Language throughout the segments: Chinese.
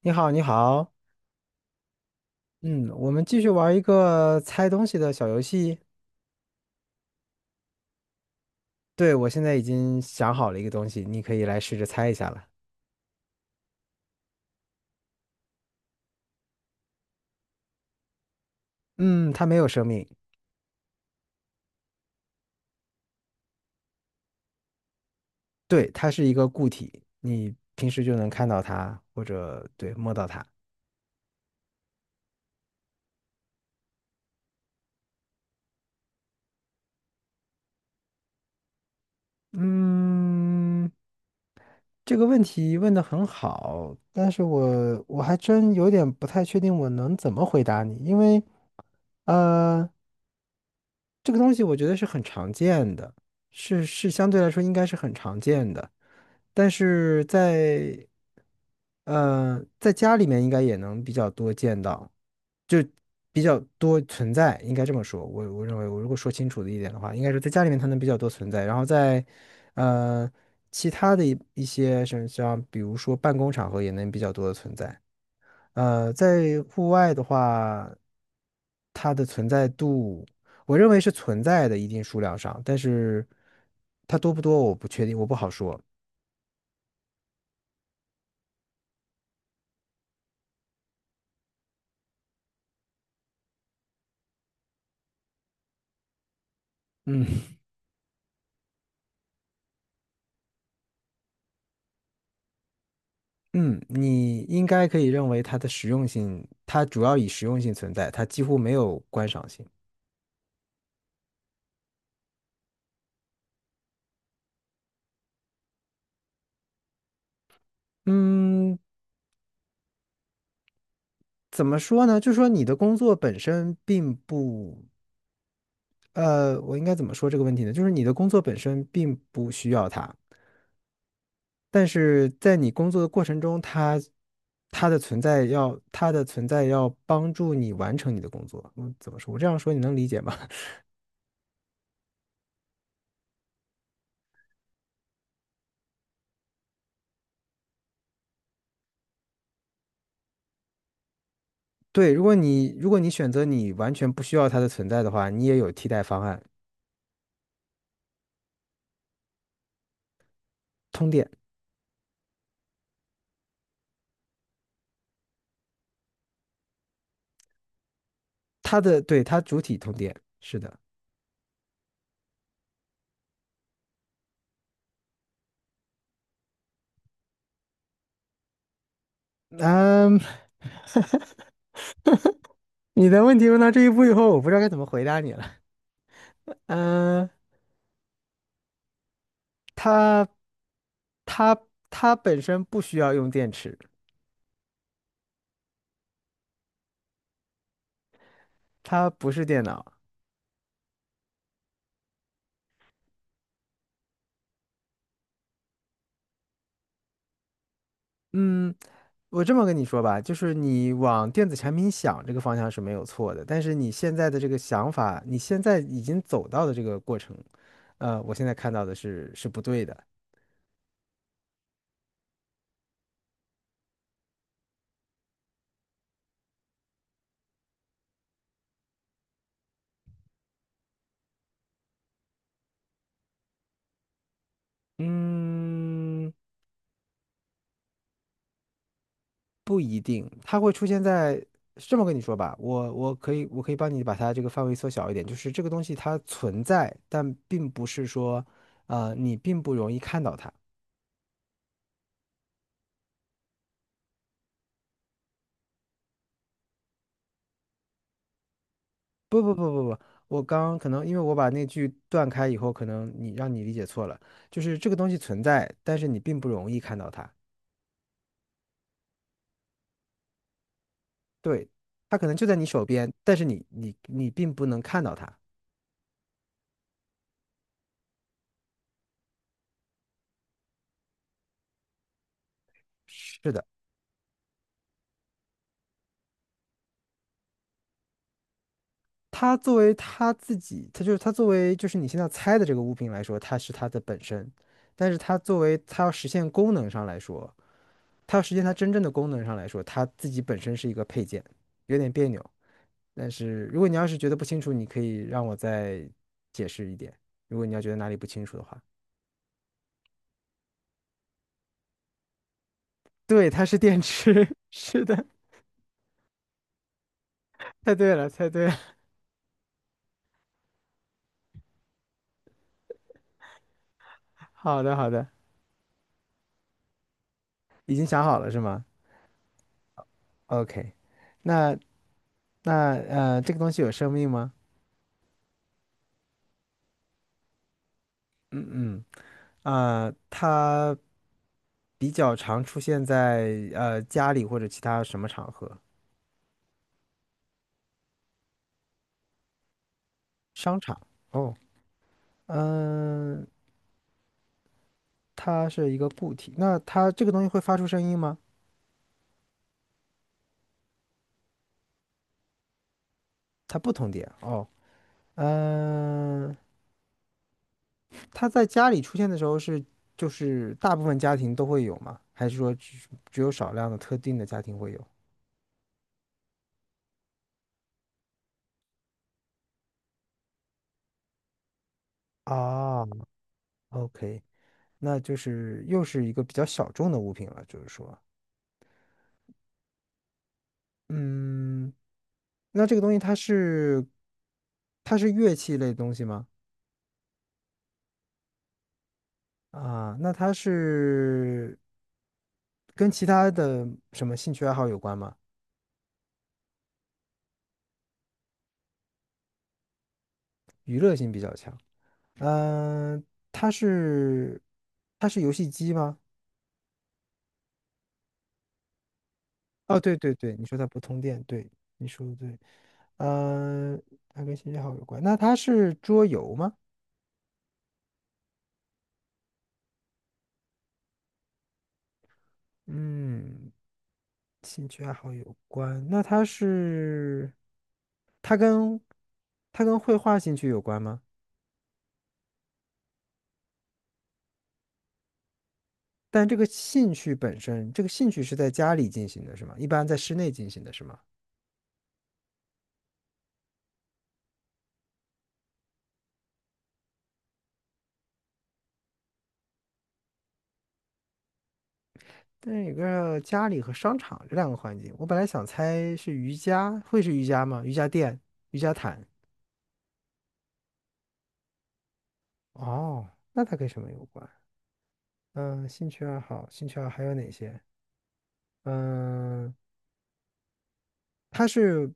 你好，你好，嗯，我们继续玩一个猜东西的小游戏。对，我现在已经想好了一个东西，你可以来试着猜一下了。嗯，它没有生命。对，它是一个固体，你平时就能看到它，或者对，摸到它。嗯，这个问题问得很好，但是我还真有点不太确定我能怎么回答你，因为，呃。这个东西我觉得是很常见的，是相对来说应该是很常见的，但是在在家里面应该也能比较多见到，就比较多存在，应该这么说。我认为我如果说清楚的一点的话，应该是在家里面它能比较多存在，然后在呃其他的一些什么像比如说办公场合也能比较多的存在。在户外的话，它的存在度，我认为是存在的一定数量上，但是它多不多我不确定，我不好说。嗯嗯，你应该可以认为它的实用性，它主要以实用性存在，它几乎没有观赏性。嗯，怎么说呢？就是说你的工作本身并不，我应该怎么说这个问题呢？就是你的工作本身并不需要它。但是在你工作的过程中，它它的存在要它的存在要帮助你完成你的工作。嗯，怎么说？我这样说你能理解吗？对，如果你选择你完全不需要它的存在的话，你也有替代方案。通电。它的对它主体通电，是的。嗯，你的问题问到这一步以后，我不知道该怎么回答你了。嗯，它它它本身不需要用电池。它不是电脑。嗯，我这么跟你说吧，就是你往电子产品想这个方向是没有错的，但是你现在的这个想法，你现在已经走到的这个过程，我现在看到的是不对的。嗯，不一定，它会出现在，是这么跟你说吧，我可以帮你把它这个范围缩小一点，就是这个东西它存在，但并不是说，你并不容易看到它。不不不不不，我刚刚可能因为我把那句断开以后，可能你让你理解错了，就是这个东西存在，但是你并不容易看到它。对，它可能就在你手边，但是你并不能看到它。是的，它就是它作为就是你现在猜的这个物品来说，它是它的本身，但是它作为它要实现功能上来说，它要实现它真正的功能上来说，它自己本身是一个配件，有点别扭。但是如果你要是觉得不清楚，你可以让我再解释一点。如果你要觉得哪里不清楚的话，对，它是电池，是的。猜对了，猜对了。好的，好的，已经想好了是吗？OK，那那这个东西有生命吗？嗯嗯，呃，它比较常出现在家里或者其他什么场合？商场。哦，嗯，它是一个固体。那它这个东西会发出声音吗？它不通电。哦。嗯，他在家里出现的时候就是大部分家庭都会有吗？还是说只有少量的特定的家庭会有？啊，OK，那就是又是一个比较小众的物品了，就是说，嗯，那这个东西它是乐器类的东西吗？啊，那它是跟其他的什么兴趣爱好有关吗？娱乐性比较强。嗯，它是它是游戏机吗？哦，对对对，你说它不通电，对，你说的对。嗯、它跟兴趣爱好有关，那它是桌游吗？嗯，兴趣爱好有关，那它是，它跟它跟绘画兴趣有关吗？但这个兴趣本身，这个兴趣是在家里进行的，是吗？一般在室内进行的是吗？但是有个家里和商场这两个环境，我本来想猜是瑜伽，会是瑜伽吗？瑜伽垫、瑜伽毯。哦，那它跟什么有关？嗯，兴趣爱好，兴趣爱好还有哪些？嗯，它是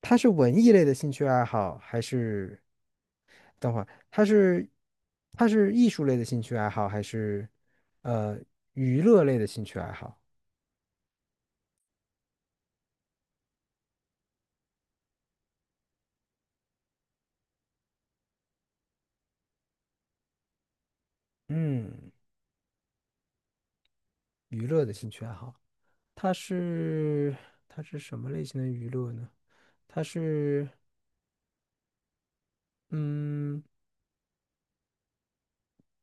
它是文艺类的兴趣爱好，还是等会儿它是它是艺术类的兴趣爱好，还是呃娱乐类的兴趣爱好？嗯，娱乐的兴趣爱好，它是它是什么类型的娱乐呢？它是嗯，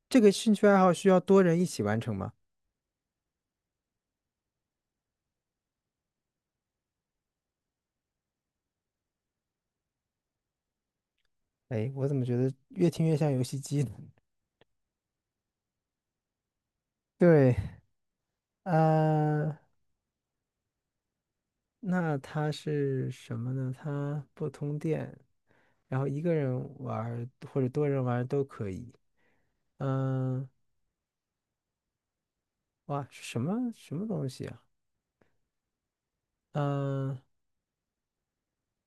这个兴趣爱好需要多人一起完成吗？哎，我怎么觉得越听越像游戏机呢？对。呃，那它是什么呢？它不通电，然后一个人玩儿或者多人玩儿都可以。嗯、哇，是什么什么东西啊？嗯、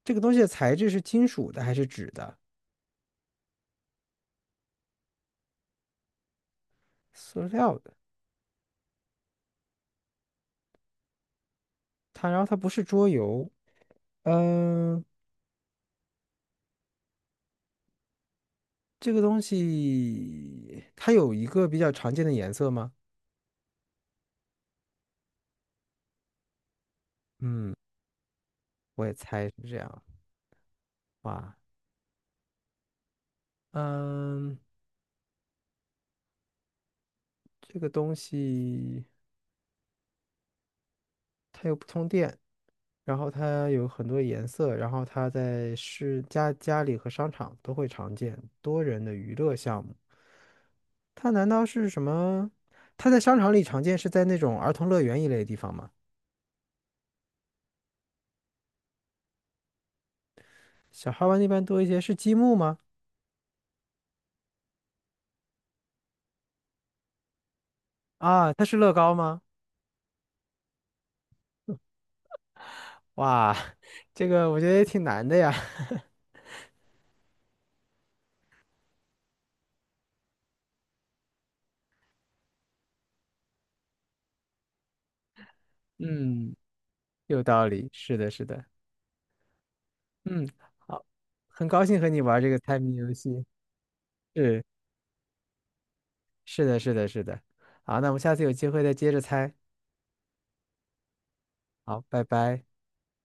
这个东西的材质是金属的还是纸的？塑料的。它，然后它不是桌游。嗯、这个东西它有一个比较常见的颜色吗？嗯，我也猜是这样。哇，嗯、这个东西它又不通电。然后它有很多颜色，然后它在家里和商场都会常见，多人的娱乐项目。它难道是什么？它在商场里常见，是在那种儿童乐园一类的地方吗？小孩玩那边多一些，是积木吗？啊，它是乐高吗？哇，这个我觉得也挺难的呀。嗯，有道理，是的，是的。嗯，好，很高兴和你玩这个猜谜游戏。是，是的，是的，是的。好，那我们下次有机会再接着猜。好，拜拜。